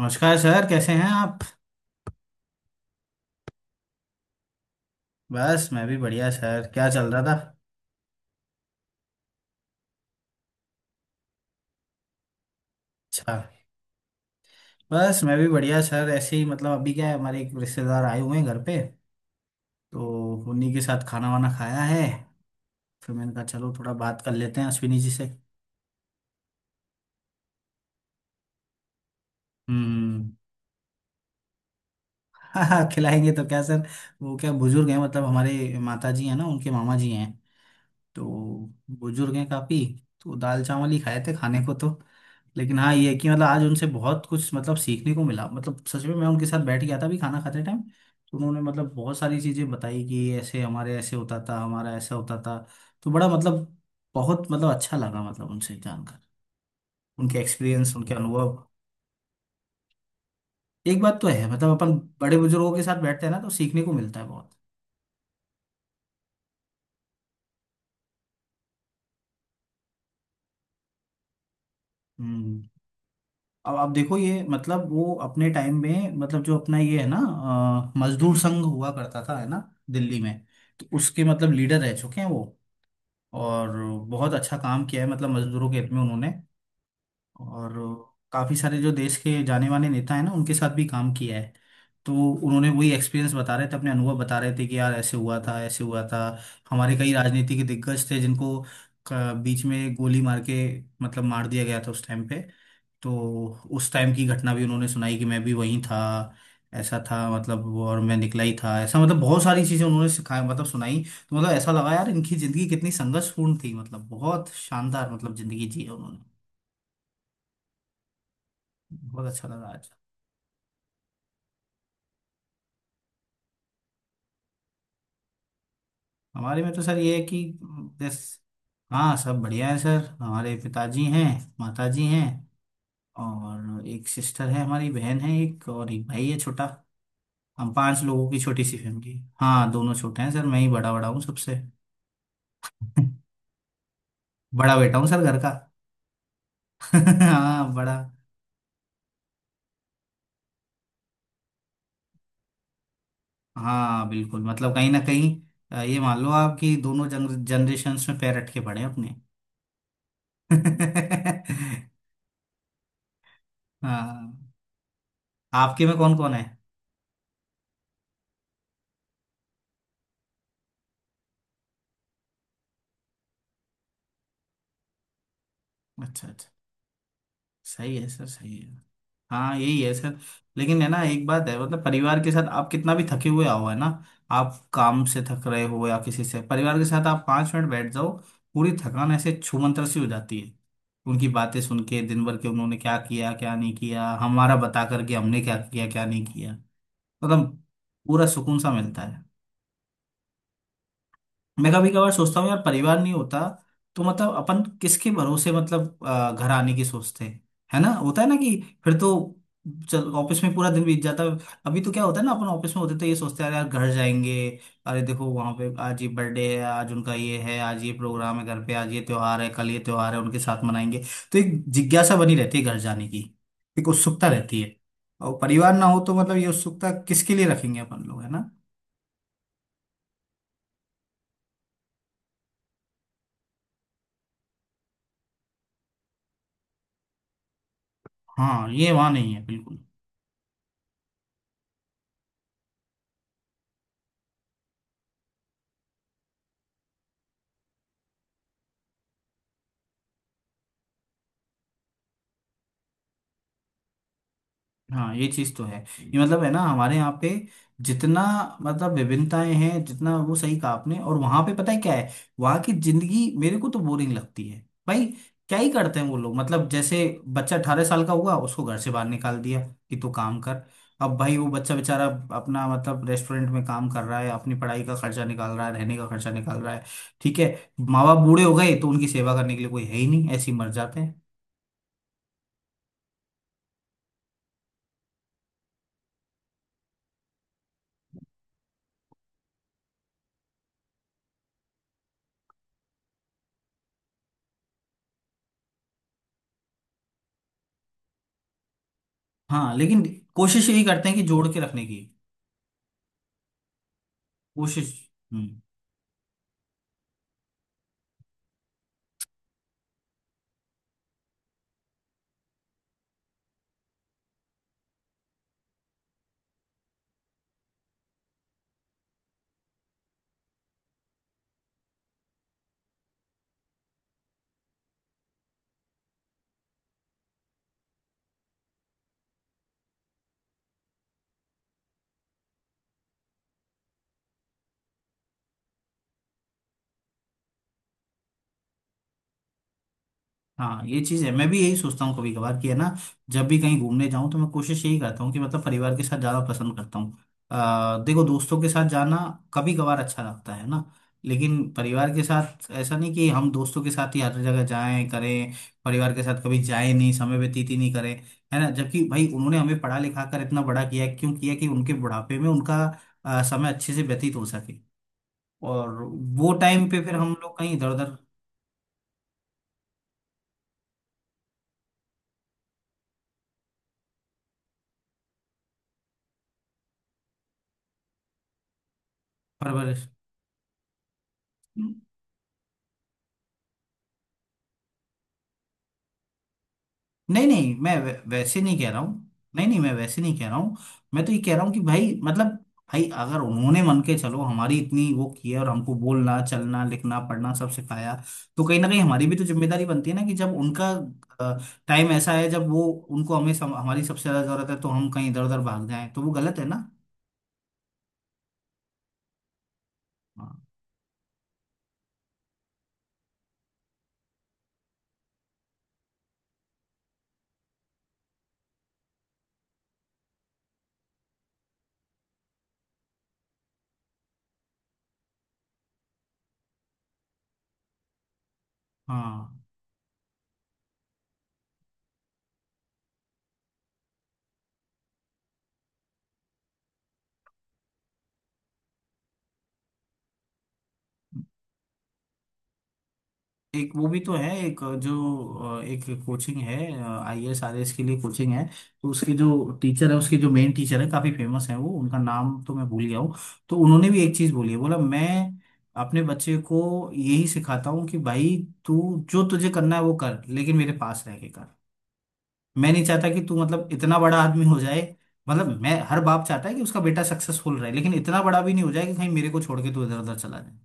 नमस्कार सर, कैसे हैं आप। बस मैं भी बढ़िया सर, क्या चल रहा था। अच्छा। बस मैं भी बढ़िया सर, ऐसे ही मतलब अभी क्या है, हमारे एक रिश्तेदार आए हुए हैं घर पे। तो उन्हीं के साथ खाना वाना खाया है। फिर मैंने कहा चलो थोड़ा बात कर लेते हैं अश्विनी जी से। हम्म। हाँ खिलाएंगे तो क्या सर। वो क्या बुजुर्ग हैं, मतलब हमारे माता जी हैं ना उनके मामा जी हैं। तो बुजुर्ग हैं काफी। तो दाल चावल ही खाए थे खाने को तो। लेकिन हाँ ये है कि मतलब आज उनसे बहुत कुछ मतलब सीखने को मिला, मतलब सच में। मैं उनके साथ बैठ गया था भी खाना खाते टाइम। तो उन्होंने मतलब बहुत सारी चीजें बताई कि ऐसे हमारे ऐसे होता था, हमारा ऐसा होता था। तो बड़ा मतलब बहुत मतलब अच्छा लगा मतलब उनसे जानकर, उनके एक्सपीरियंस, उनके अनुभव। एक बात तो है मतलब अपन बड़े बुजुर्गों के साथ बैठते हैं ना तो सीखने को मिलता है बहुत। हम्म। अब आप देखो, ये मतलब वो अपने टाइम में मतलब जो अपना ये है ना, मजदूर संघ हुआ करता था है ना, दिल्ली में। तो उसके मतलब लीडर रह चुके हैं वो। और बहुत अच्छा काम किया है मतलब मजदूरों के हित में उन्होंने। और काफी सारे जो देश के जाने माने नेता हैं ना, उनके साथ भी काम किया है। तो उन्होंने वही एक्सपीरियंस बता रहे थे, अपने अनुभव बता रहे थे कि यार ऐसे हुआ था ऐसे हुआ था। हमारे कई राजनीति के दिग्गज थे जिनको बीच में गोली मार के मतलब मार दिया गया था उस टाइम पे। तो उस टाइम की घटना भी उन्होंने सुनाई कि मैं भी वहीं था, ऐसा था, मतलब और मैं निकला ही था ऐसा, मतलब बहुत सारी चीजें उन्होंने सिखाया मतलब सुनाई। तो मतलब ऐसा लगा यार इनकी जिंदगी कितनी संघर्षपूर्ण थी, मतलब बहुत शानदार मतलब जिंदगी जी है उन्होंने। बहुत अच्छा लगा आज। हमारे में तो सर ये है कि बस, हाँ सब बढ़िया है सर। हमारे पिताजी हैं, माताजी हैं, और एक सिस्टर है, हमारी बहन है एक, और एक भाई है छोटा। हम 5 लोगों की छोटी सी फैमिली। हाँ दोनों छोटे हैं सर, मैं ही बड़ा बड़ा हूँ सबसे। बड़ा बेटा हूँ सर घर का। हाँ बड़ा। हाँ बिल्कुल, मतलब कहीं ना कहीं ये मान लो आप कि दोनों जनरेशन्स में पैर अटके पड़े हैं अपने। हाँ। आपके में कौन कौन है। अच्छा अच्छा। सही है सर सही है। हाँ यही है सर। लेकिन है ना, एक बात है, मतलब परिवार के साथ आप कितना भी थके हुए आओ है ना। आप काम से थक रहे हो या किसी से, परिवार के साथ आप 5 मिनट बैठ जाओ, पूरी थकान ऐसे छूमंतर सी हो जाती है। उनकी बातें सुन के, दिन भर के उन्होंने क्या किया क्या नहीं किया, हमारा बता करके हमने क्या किया क्या नहीं किया, मतलब पूरा सुकून सा मिलता है। मैं कभी कभार सोचता हूँ यार परिवार नहीं होता तो मतलब अपन किसके भरोसे, मतलब घर आने की सोचते हैं। है ना, होता है ना, कि फिर तो चल ऑफिस में पूरा दिन बीत जाता है। अभी तो क्या होता है ना, अपन ऑफिस में होते तो ये सोचते हैं अरे यार घर जाएंगे, अरे देखो वहां पे आज ये बर्थडे है, आज उनका ये है, आज ये प्रोग्राम है घर पे, आज ये त्योहार है, कल ये त्योहार है, उनके साथ मनाएंगे। तो एक जिज्ञासा बनी रहती है घर जाने की, एक उत्सुकता रहती है। और परिवार ना हो तो मतलब ये उत्सुकता किसके लिए रखेंगे अपन लोग, है ना। हाँ ये वहां नहीं है बिल्कुल। हाँ ये चीज तो है, ये मतलब है ना हमारे यहाँ पे, जितना मतलब विभिन्नताएं हैं जितना, वो सही कहा आपने। और वहां पे पता है क्या है, वहां की जिंदगी मेरे को तो बोरिंग लगती है भाई। क्या ही करते हैं वो लोग, मतलब जैसे बच्चा 18 साल का हुआ, उसको घर से बाहर निकाल दिया कि तू काम कर। अब भाई वो बच्चा बेचारा, अपना मतलब रेस्टोरेंट में काम कर रहा है, अपनी पढ़ाई का खर्चा निकाल रहा है, रहने का खर्चा निकाल रहा है, ठीक है। माँ बाप बूढ़े हो गए तो उनकी सेवा करने के लिए कोई है ही नहीं, ऐसे ही मर जाते हैं। हाँ लेकिन कोशिश यही करते हैं कि जोड़ के रखने की। कोशिश। हम्म। हाँ ये चीज है, मैं भी यही सोचता हूँ कभी कभार कि है ना, जब भी कहीं घूमने जाऊं तो मैं कोशिश यही करता हूँ कि मतलब परिवार के साथ जाना पसंद करता हूँ। देखो दोस्तों के साथ जाना कभी कभार अच्छा लगता है ना, लेकिन परिवार के साथ, ऐसा नहीं कि हम दोस्तों के साथ ही हर जगह जाएं करें, परिवार के साथ कभी जाएं नहीं, समय व्यतीत ही नहीं करें। है ना, जबकि भाई उन्होंने हमें पढ़ा लिखा कर इतना बड़ा किया है, क्यों किया, कि उनके बुढ़ापे में उनका समय अच्छे से व्यतीत हो सके, और वो टाइम पे फिर हम लोग कहीं इधर उधर। परवरिश। नहीं नहीं मैं वैसे नहीं कह रहा हूँ। नहीं नहीं मैं वैसे नहीं कह रहा हूँ। मैं तो ये कह रहा हूँ कि भाई मतलब, भाई अगर उन्होंने मन के, चलो हमारी इतनी वो की है, और हमको बोलना चलना लिखना पढ़ना सब सिखाया, तो कहीं ना कहीं हमारी भी तो जिम्मेदारी बनती है ना, कि जब उनका टाइम ऐसा है जब वो, उनको हमें हमारी सबसे ज्यादा जरूरत है, तो हम कहीं इधर उधर भाग जाएं तो वो गलत है ना। हाँ। हाँ एक वो भी तो है, एक जो एक कोचिंग है, आईएएस आरएएस के लिए कोचिंग है। तो उसके जो टीचर है, उसके जो मेन टीचर है काफी फेमस है वो, उनका नाम तो मैं भूल गया हूँ। तो उन्होंने भी एक चीज बोली है, बोला, मैं अपने बच्चे को यही सिखाता हूँ कि भाई, तू जो तुझे करना है वो कर, लेकिन मेरे पास रह के कर। मैं नहीं चाहता कि तू मतलब इतना बड़ा आदमी हो जाए, मतलब मैं, हर बाप चाहता है कि उसका बेटा सक्सेसफुल रहे, लेकिन इतना बड़ा भी नहीं हो जाए कि कहीं मेरे को छोड़ के तू इधर उधर चला जाए,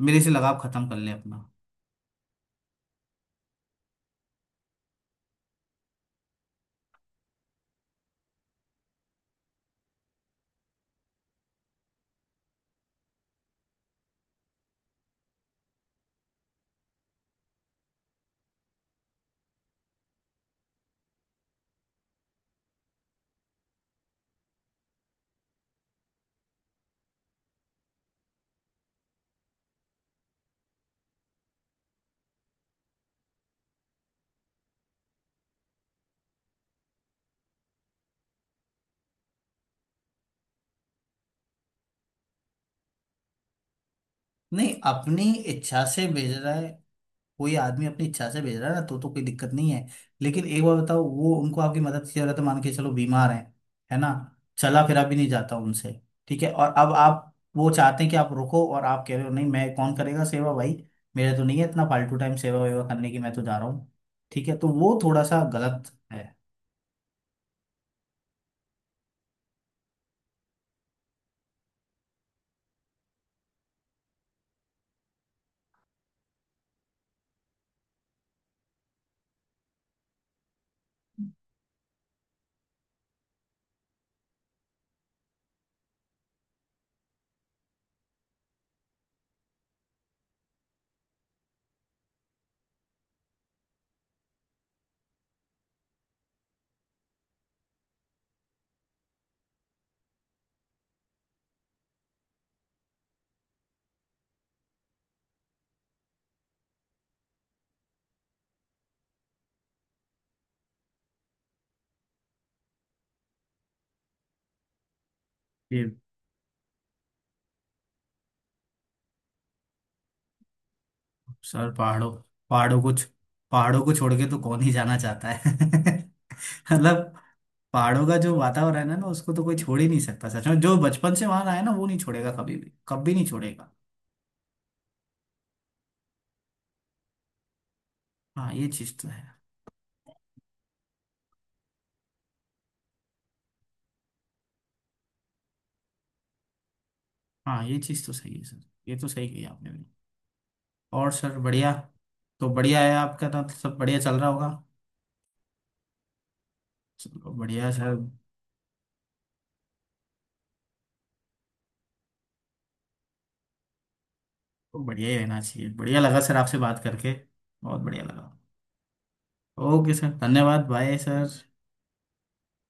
मेरे से लगाव खत्म कर ले अपना। नहीं, अपनी इच्छा से भेज रहा है, कोई आदमी अपनी इच्छा से भेज रहा है ना, तो कोई दिक्कत नहीं है। लेकिन एक बार बताओ, वो उनको आपकी मदद की जरूरत है, मान के चलो बीमार है ना, चला फिरा भी नहीं जाता उनसे, ठीक है। और अब आप वो चाहते हैं कि आप रुको, और आप कह रहे हो नहीं, मैं, कौन करेगा सेवा भाई, मेरा तो नहीं है इतना फालतू टाइम सेवा वेवा करने की, मैं तो जा रहा हूँ, ठीक है, तो वो थोड़ा सा गलत है। ये सर पहाड़ों पहाड़ों को छ- पहाड़ों को छोड़ के तो कौन ही जाना चाहता है। मतलब पहाड़ों का जो वातावरण है ना उसको तो कोई छोड़ ही नहीं सकता, सच में, जो बचपन से वहां आया ना वो नहीं छोड़ेगा कभी भी, कभी नहीं छोड़ेगा। हाँ ये चीज तो है। हाँ ये चीज तो सही है सर, ये तो सही कही आपने भी। और सर बढ़िया, तो बढ़िया है आपका, तो सब बढ़िया चल रहा होगा। चलो बढ़िया सर, तो बढ़िया ही रहना चाहिए। बढ़िया लगा सर आपसे बात करके, बहुत बढ़िया लगा। ओके सर धन्यवाद, बाय सर।